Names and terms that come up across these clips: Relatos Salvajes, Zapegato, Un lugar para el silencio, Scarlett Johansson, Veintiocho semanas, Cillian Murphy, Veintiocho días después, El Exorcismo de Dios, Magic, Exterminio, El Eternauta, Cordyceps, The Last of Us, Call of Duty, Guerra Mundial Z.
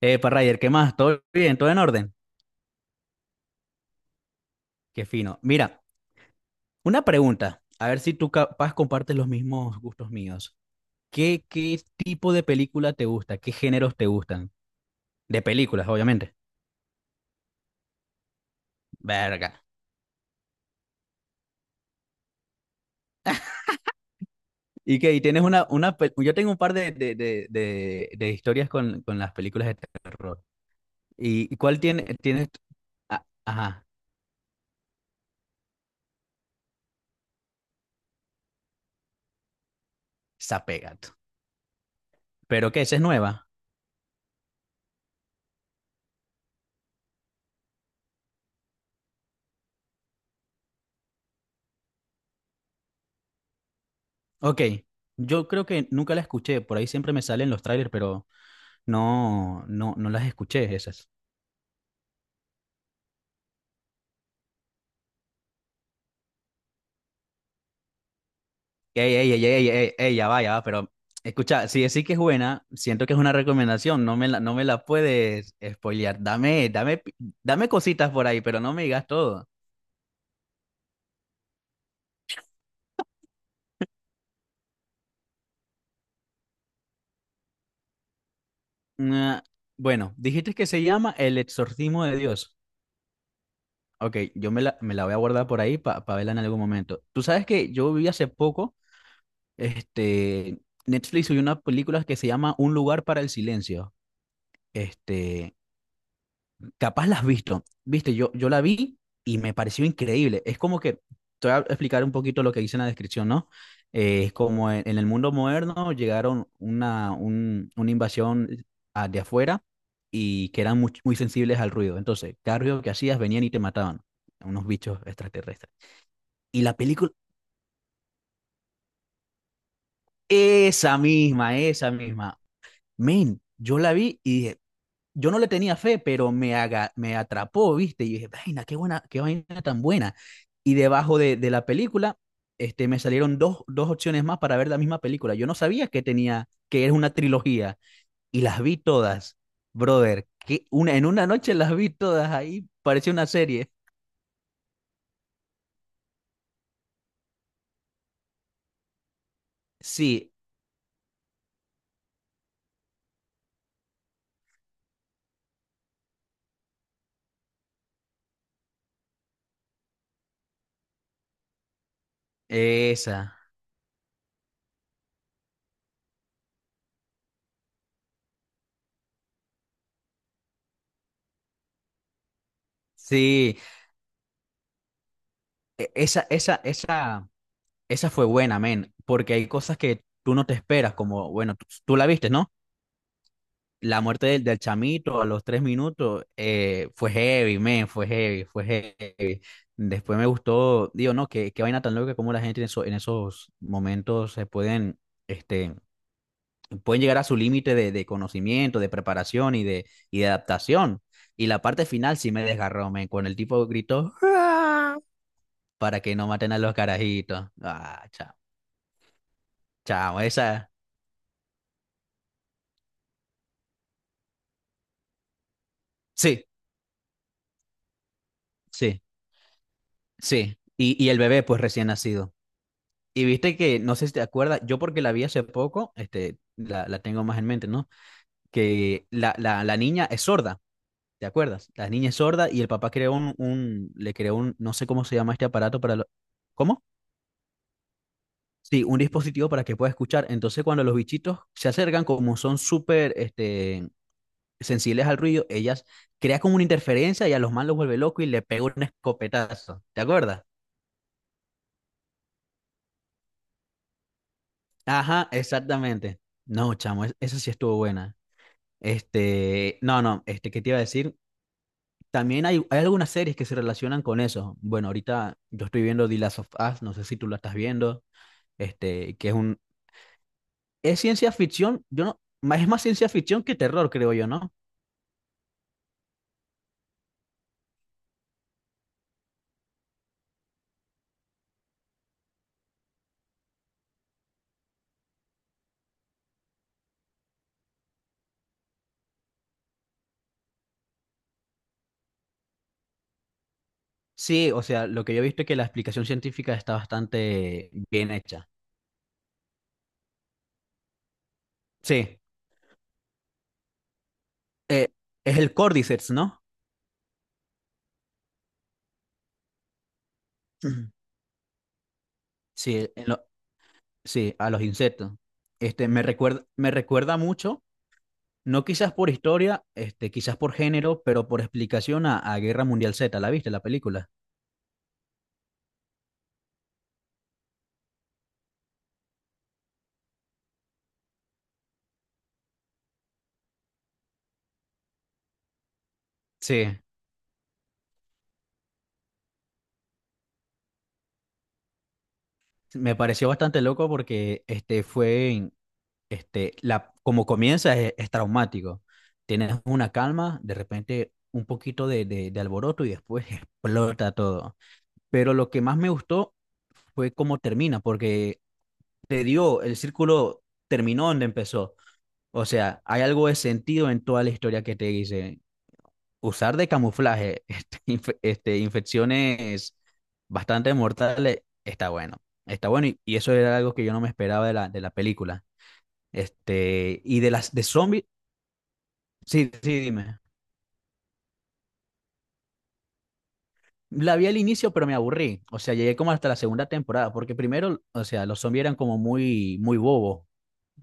Epa, Ryder, ¿qué más? ¿Todo bien? ¿Todo en orden? Qué fino. Mira, una pregunta, a ver si tú capaz compartes los mismos gustos míos. ¿Qué tipo de película te gusta? ¿Qué géneros te gustan? De películas, obviamente. Verga. ¿Y qué? ¿Y tienes una? Yo tengo un par de historias con las películas de terror. ¿Y cuál tienes? Ah, ajá, Zapegato. ¿Pero qué? ¿Esa es nueva? Ok. Yo creo que nunca la escuché, por ahí siempre me salen los trailers, pero. No, no, no las escuché esas. Ey, ey, ey, ey, ey, ey, ya va, pero escucha, si decís que es buena, siento que es una recomendación, no me la puedes spoilear. Dame cositas por ahí, pero no me digas todo. Ah, bueno, dijiste que se llama El Exorcismo de Dios. Ok, yo me la voy a guardar por ahí para verla en algún momento. Tú sabes que yo vi hace poco, este, Netflix subió una película que se llama Un lugar para el silencio. Este, Capaz las has visto. Viste, yo la vi y me pareció increíble. Es como que, te voy a explicar un poquito lo que dice en la descripción, ¿no? Es como en el mundo moderno llegaron una invasión de afuera y que eran muy, muy sensibles al ruido. Entonces, cada ruido que hacías venían y te mataban. Unos bichos extraterrestres. Y la película, esa misma, esa misma. Men, yo la vi y dije, yo no le tenía fe, pero me atrapó, ¿viste? Y dije, vaina, qué buena, qué vaina tan buena. Y debajo de la película, me salieron dos opciones más para ver la misma película. Yo no sabía que tenía, que era una trilogía, y las vi todas, brother. En una noche las vi todas ahí, parecía una serie. Sí, esa, sí, e- esa fue buena, men, porque hay cosas que tú no te esperas, como, bueno, tú la viste, ¿no? La muerte del chamito a los 3 minutos fue heavy, man, fue heavy, fue heavy. Después me gustó, digo, no, qué vaina tan loca como la gente en, en esos momentos este, pueden llegar a su límite de conocimiento, de preparación y de adaptación. Y la parte final sí me desgarró, man, cuando el tipo gritó "¡Ah!", para que no maten a los carajitos. Ah, chao, chao, esa, sí, sí, sí. Y el bebé, pues recién nacido. Y viste que, no sé si te acuerdas, yo porque la vi hace poco, la tengo más en mente, ¿no? Que la niña es sorda, ¿te acuerdas? La niña es sorda y el papá creó le creó un, no sé cómo se llama este aparato para lo-. ¿Cómo? Sí, un dispositivo para que pueda escuchar. Entonces, cuando los bichitos se acercan, como son súper, sensibles al ruido, ellas crean como una interferencia y a los malos los vuelve loco y le pega un escopetazo. ¿Te acuerdas? Ajá, exactamente. No, chamo, esa sí estuvo buena. No, no, ¿qué te iba a decir? También hay algunas series que se relacionan con eso. Bueno, ahorita yo estoy viendo The Last of Us, no sé si tú la estás viendo, que es ciencia ficción, yo no, ma- es más ciencia ficción que terror, creo yo, ¿no? Sí, o sea, lo que yo he visto es que la explicación científica está bastante bien hecha. Sí, eh, es el Cordyceps, ¿no? Sí, sí, a los insectos. Me recuerda mucho, no quizás por historia, quizás por género, pero por explicación a Guerra Mundial Z, ¿la viste la película? Sí, me pareció bastante loco porque este fue en- este la como comienza es traumático. Tienes una calma, de repente un poquito de alboroto y después explota todo. Pero lo que más me gustó fue cómo termina, porque te dio, el círculo terminó donde empezó. O sea, hay algo de sentido en toda la historia que te dice. Usar de camuflaje infecciones bastante mortales está bueno. Está bueno y eso era algo que yo no me esperaba de la película. Y de las de zombies, sí, sí, dime. La vi al inicio, pero me aburrí. O sea, llegué como hasta la segunda temporada, porque primero, o sea, los zombies eran como muy, muy bobos.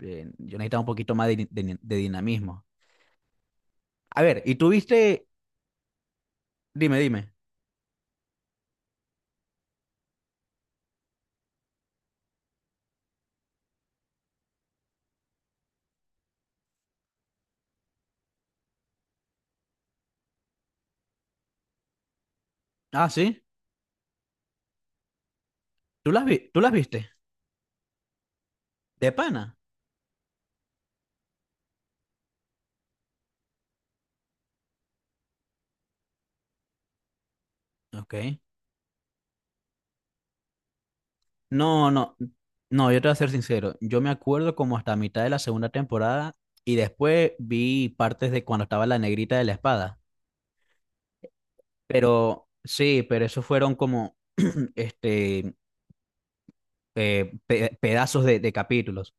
Yo necesitaba un poquito más de dinamismo. A ver, ¿y tú viste? Dime, dime. Ah, sí. ¿Tú las viste? De pana. Ok. No, no, no, yo te voy a ser sincero. Yo me acuerdo como hasta mitad de la segunda temporada y después vi partes de cuando estaba la negrita de la espada. Pero sí, pero eso fueron como este pedazos de capítulos.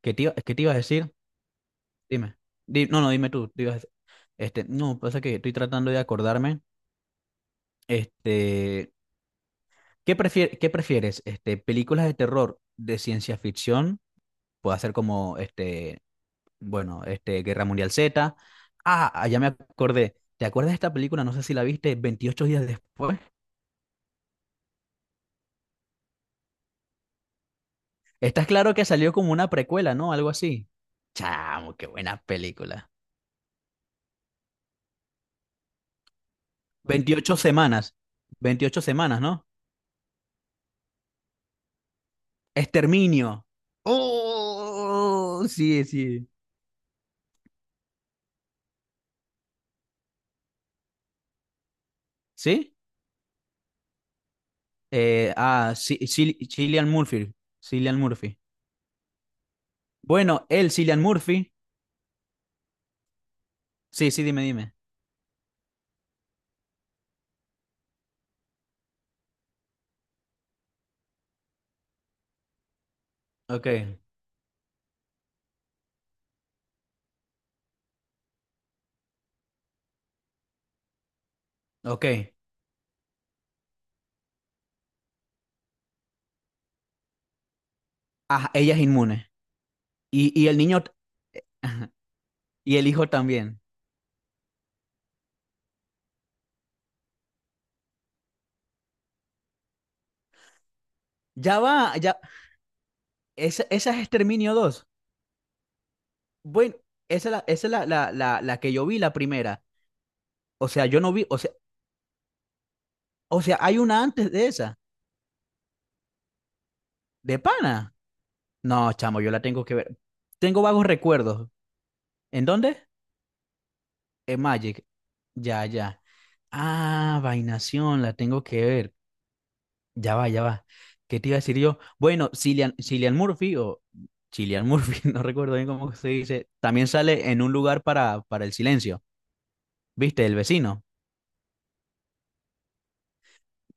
¿Qué te ibas a decir? Dime. No, no, dime tú. Te ibas a. No, pasa que estoy tratando de acordarme. Este, ¿Qué prefieres? Películas de terror de ciencia ficción, puede ser como bueno, Guerra Mundial Z. Ah, ah, ya me acordé. ¿Te acuerdas de esta película? No sé si la viste, 28 días después. Estás claro que salió como una precuela, ¿no? Algo así. Chamo, qué buena película. 28 semanas. 28 semanas, ¿no? Exterminio. Oh, sí, sí. ¿Sí? Ah, sí, sí, Cillian Murphy. Cillian Murphy. Bueno, él, Cillian Murphy. Sí, sí, dime, dime. Ok, ok. Ah, ella es inmune. Y el niño. Y el hijo también. Ya va, ya. Esa es Exterminio 2. Bueno, esa es la que yo vi, la primera. O sea, yo no vi, o sea, hay una antes de esa, de pana. No, chamo, yo la tengo que ver. Tengo vagos recuerdos. ¿En dónde? En Magic. Ya, ya. Ah, Vainación, la tengo que ver. Ya va, ya va. ¿Qué te iba a decir yo? Bueno, Cillian Murphy o Cillian Murphy, no recuerdo bien cómo se dice, también sale en un lugar para el silencio. ¿Viste? El vecino.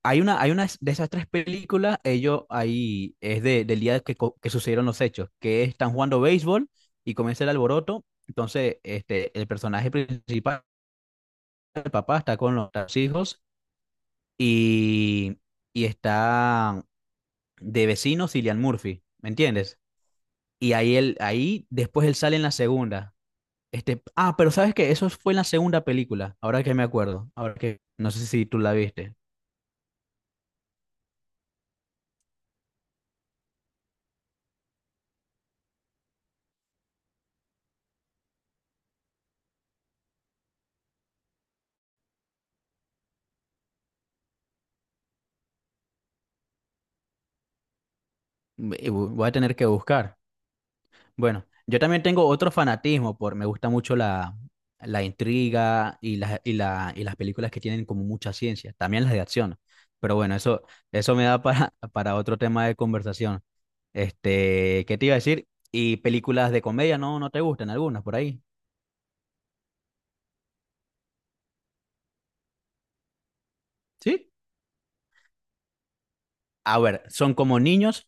Hay una de esas tres películas, ellos ahí es del día que sucedieron los hechos, que están jugando béisbol y comienza el alboroto. Entonces, el personaje principal, el papá, está con los hijos y, y está de vecino Cillian Murphy, ¿me entiendes? Y ahí después él sale en la segunda. Ah, pero sabes que eso fue en la segunda película, ahora que me acuerdo, ahora que no sé si tú la viste. Voy a tener que buscar. Bueno, yo también tengo otro fanatismo por, me gusta mucho la intriga y las películas que tienen como mucha ciencia, también las de acción. Pero bueno, eso me da para, para otro tema de conversación. ¿Qué te iba a decir? Y películas de comedia, no, no te gustan algunas por ahí. ¿Sí? A ver, son como niños,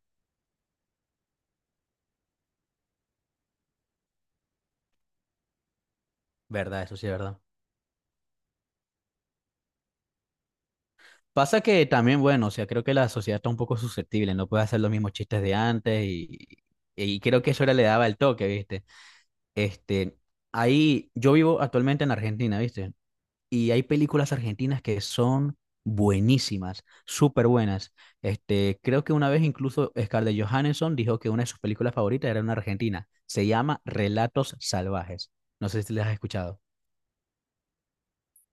¿verdad? Eso sí es verdad. Pasa que también, bueno, o sea, creo que la sociedad está un poco susceptible, no puede hacer los mismos chistes de antes y creo que eso le daba el toque, ¿viste? Este, Ahí yo vivo actualmente en Argentina, ¿viste? Y hay películas argentinas que son buenísimas, súper buenas. Creo que una vez incluso Scarlett Johansson dijo que una de sus películas favoritas era una argentina. Se llama Relatos Salvajes. No sé si las has escuchado.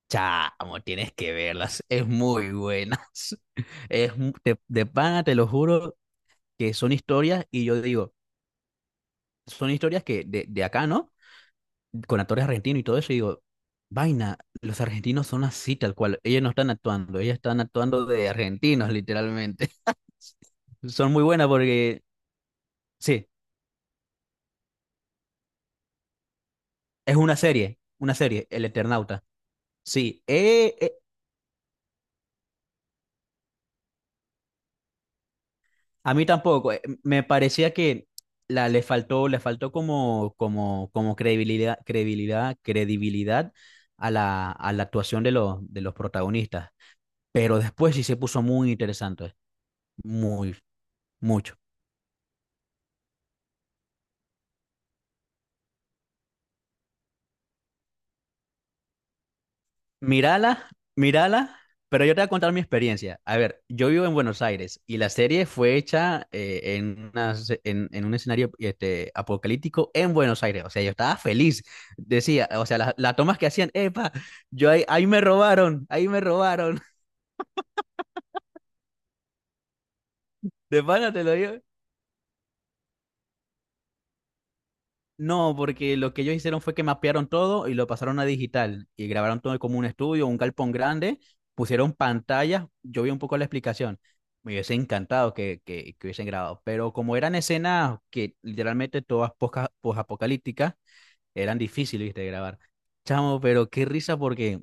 Chamo, tienes que verlas. Es muy buenas. De pana, te lo juro, que son historias y yo digo, son historias que de acá, ¿no? Con actores argentinos y todo eso, y digo, vaina, los argentinos son así tal cual, ellos no están actuando, ellos están actuando de argentinos, literalmente. Son muy buenas porque, sí, es una serie, El Eternauta. Sí, a mí tampoco, me parecía que le faltó como credibilidad, credibilidad, credibilidad a la actuación de los protagonistas. Pero después sí se puso muy interesante, muy, mucho. Mírala, mírala, pero yo te voy a contar mi experiencia. A ver, yo vivo en Buenos Aires y la serie fue hecha en un escenario apocalíptico en Buenos Aires. O sea, yo estaba feliz. Decía, o sea, las tomas que hacían, epa, ahí me robaron, ahí me robaron. De pana te lo digo. No, porque lo que ellos hicieron fue que mapearon todo y lo pasaron a digital y grabaron todo como un estudio, un galpón grande, pusieron pantallas, yo vi un poco la explicación, me hubiese encantado que, que hubiesen grabado, pero como eran escenas que literalmente todas posapocalípticas, eran difíciles, ¿viste?, de grabar. Chamo, pero qué risa porque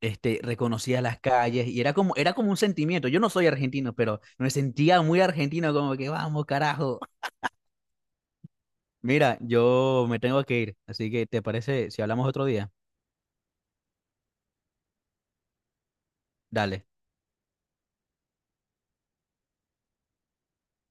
reconocía las calles y era como un sentimiento, yo no soy argentino, pero me sentía muy argentino como que vamos carajo. Mira, yo me tengo que ir, así que ¿te parece si hablamos otro día? Dale.